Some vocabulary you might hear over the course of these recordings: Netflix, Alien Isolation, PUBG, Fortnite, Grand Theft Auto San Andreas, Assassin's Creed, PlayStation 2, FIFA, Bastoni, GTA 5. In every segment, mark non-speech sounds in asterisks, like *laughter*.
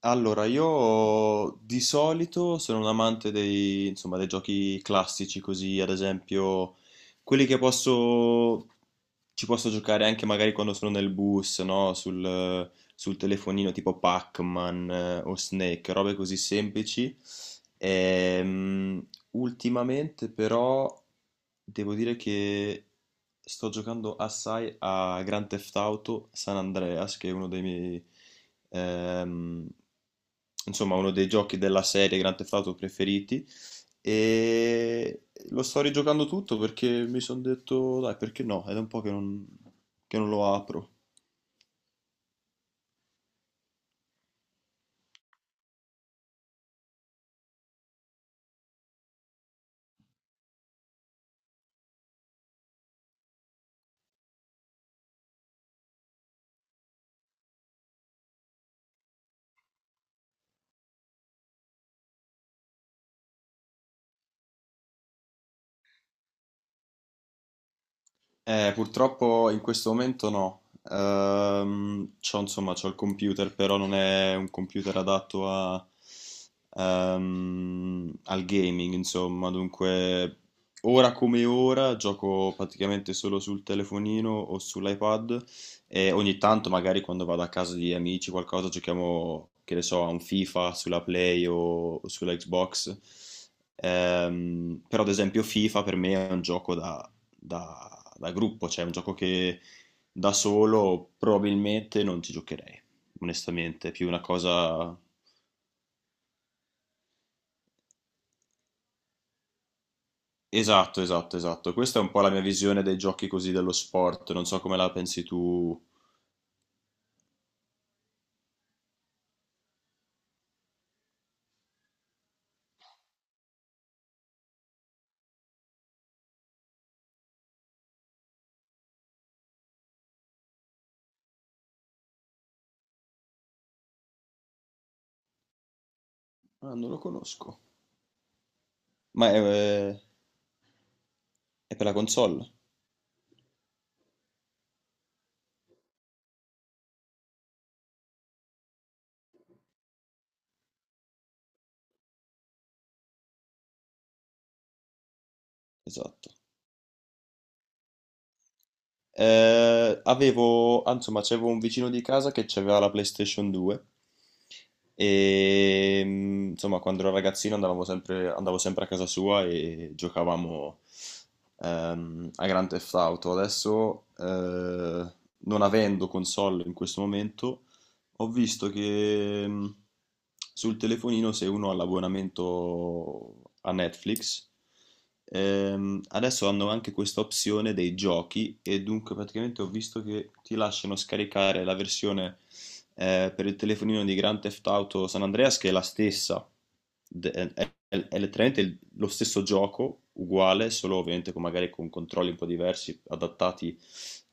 Allora, io di solito sono un amante dei giochi classici, così ad esempio quelli che posso ci posso giocare anche magari quando sono nel bus, no? Sul telefonino tipo Pac-Man o Snake, robe così semplici. Ultimamente però devo dire che sto giocando assai a Grand Theft Auto San Andreas, che è uno dei miei, ehm, uno dei giochi della serie Grand Theft Auto preferiti. E lo sto rigiocando tutto perché mi sono detto, dai, perché no? Ed è da un po' che non lo apro. Purtroppo in questo momento no. C'ho il computer, però non è un computer adatto al gaming, insomma. Dunque, ora come ora gioco praticamente solo sul telefonino o sull'iPad e ogni tanto, magari quando vado a casa di amici, qualcosa, giochiamo, che ne so, a un FIFA sulla Play o sulla Xbox. Però, ad esempio, FIFA per me è un gioco da da gruppo, cioè è un gioco che da solo probabilmente non ci giocherei, onestamente, è più una cosa... Esatto, esatto, esatto. Questa è un po' la mia visione dei giochi così dello sport, non so come la pensi tu. Ah, non lo conosco. Ma è, eh, è per la console? Esatto. C'avevo un vicino di casa che aveva la PlayStation 2 e insomma, quando ero ragazzino andavo sempre a casa sua e giocavamo a Grand Theft Auto. Adesso, non avendo console in questo momento, ho visto che sul telefonino se uno ha l'abbonamento a Netflix, adesso hanno anche questa opzione dei giochi e dunque praticamente ho visto che ti lasciano scaricare la versione per il telefonino di Grand Theft Auto San Andreas che è la è letteralmente lo stesso gioco, uguale, solo ovviamente magari con controlli un po' diversi, adattati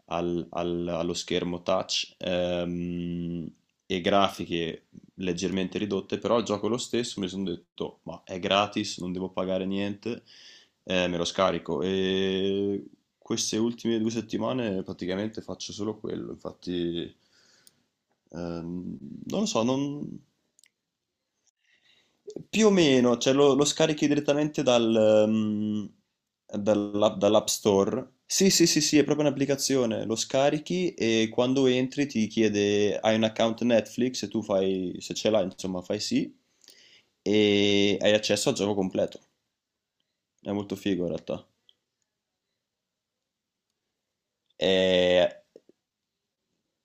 allo schermo touch e grafiche leggermente ridotte, però il gioco è lo stesso, mi sono detto, ma è gratis, non devo pagare niente, me lo scarico. E queste ultime due settimane praticamente faccio solo quello, infatti... Ehm, non lo so, non... Più o meno, cioè lo scarichi direttamente dall'app Store. Sì, sì, sì, sì, è proprio un'applicazione. Lo scarichi e quando entri ti chiede hai un account Netflix e tu fai, se ce l'hai, insomma, fai sì e hai accesso al gioco completo. È molto figo in realtà. E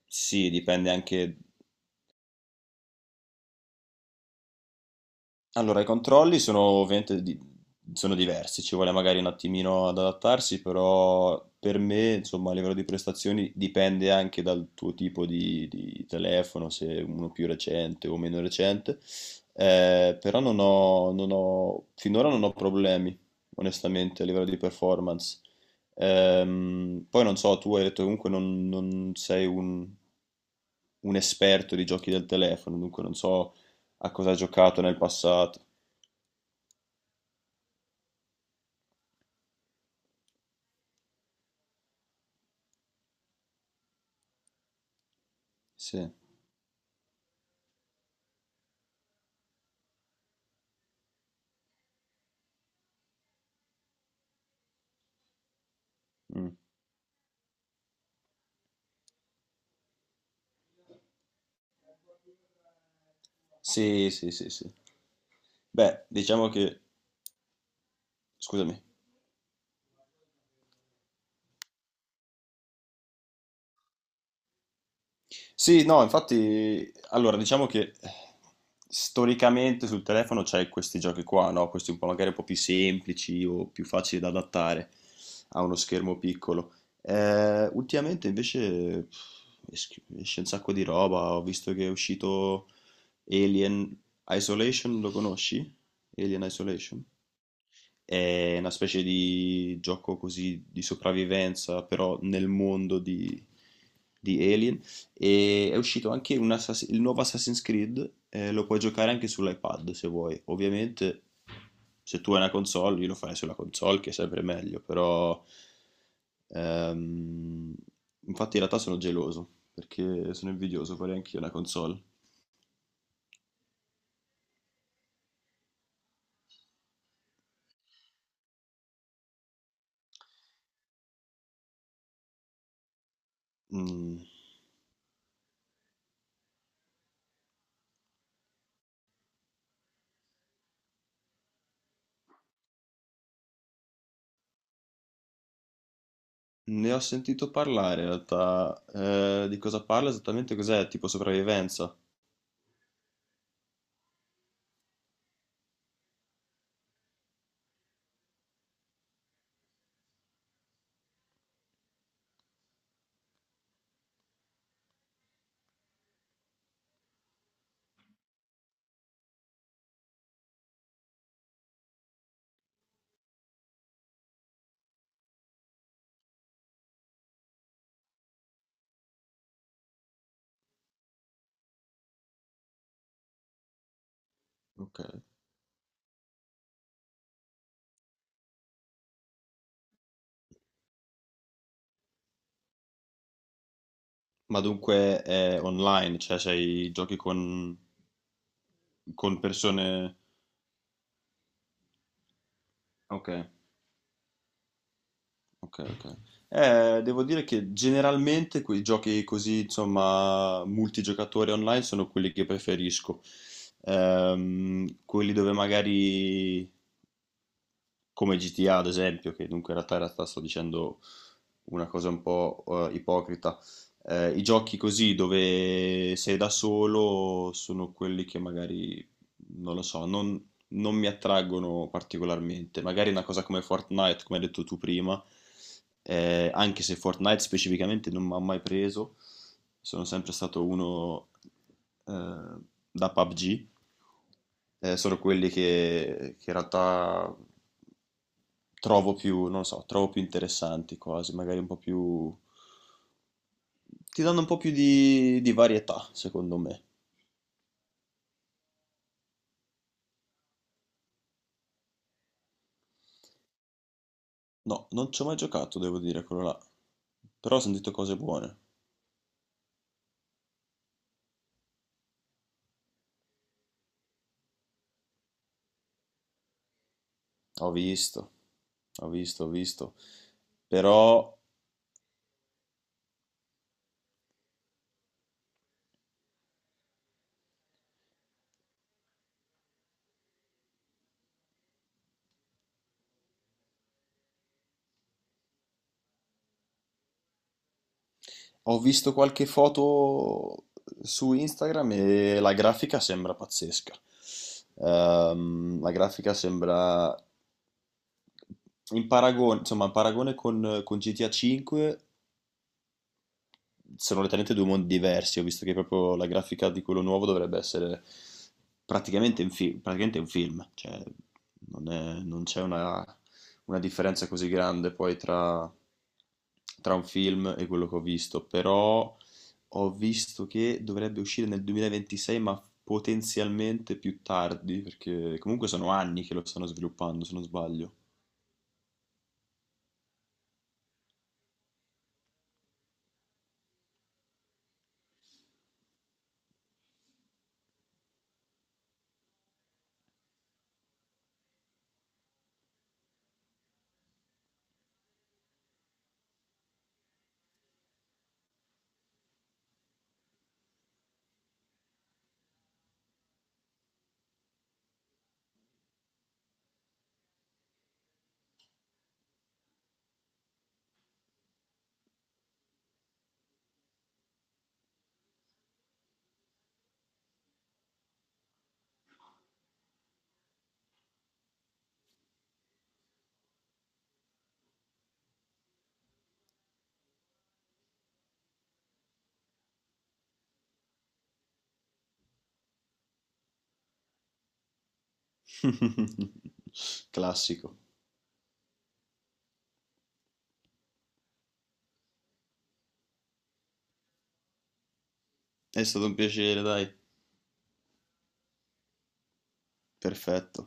sì, dipende anche. Allora, i controlli sono sono diversi, ci vuole magari un attimino ad adattarsi, però per me, insomma, a livello di prestazioni dipende anche dal tuo tipo di telefono, se uno più recente o meno recente. Però non ho, non ho- finora non ho problemi, onestamente, a livello di performance. Poi non so, tu hai detto comunque non, non sei un esperto di giochi del telefono, dunque non so a cosa ha giocato nel passato. Sì. Mm. Sì, sì, sì, sì. Beh, diciamo che... Scusami. Sì, no, infatti, allora, diciamo che storicamente sul telefono c'è questi giochi qua, no? Questi un po' magari un po' più semplici o più facili da adattare a uno schermo piccolo. Ultimamente invece pff, esce un sacco di roba, ho visto che è uscito Alien Isolation, lo conosci? Alien Isolation? È una specie di gioco così di sopravvivenza, però nel mondo di Alien. E è uscito anche un il nuovo Assassin's Creed, lo puoi giocare anche sull'iPad se vuoi. Ovviamente, se tu hai una console, io lo farei sulla console, che è sempre meglio, però... Ehm, infatti in realtà sono geloso, perché sono invidioso, vorrei anch'io una console. Mm, ne ho sentito parlare in realtà. Di cosa parla esattamente? Cos'è? Tipo sopravvivenza. Ok. Ma dunque è online, cioè con persone. Ok, ok, ok. Devo dire che generalmente quei giochi così, insomma, multigiocatori online sono quelli che preferisco. Quelli dove magari come GTA ad esempio, che dunque in realtà sto dicendo una cosa un po' ipocrita. I giochi così dove sei da solo sono quelli che magari, non lo non mi attraggono particolarmente. Magari una cosa come Fortnite, come hai detto tu prima, anche se Fortnite specificamente non mi ha mai preso, sono sempre stato uno eh, da PUBG. Sono quelli che in realtà trovo più, non lo so, trovo più interessanti quasi, magari un po' più... ti danno un po' più di varietà, secondo me. No, non ci ho mai giocato, devo dire, quello là, però ho sentito cose buone. Ho visto, ho visto, ho visto. Però ho visto qualche foto su Instagram e la grafica sembra pazzesca. La grafica sembra in paragone con GTA 5 sono letteralmente due mondi diversi. Ho visto che proprio la grafica di quello nuovo dovrebbe essere praticamente un film, cioè non c'è una differenza così grande poi tra un film e quello che ho visto, però ho visto che dovrebbe uscire nel 2026, ma potenzialmente più tardi, perché comunque sono anni che lo stanno sviluppando, se non sbaglio. *laughs* Classico. È stato un piacere, dai. Perfetto.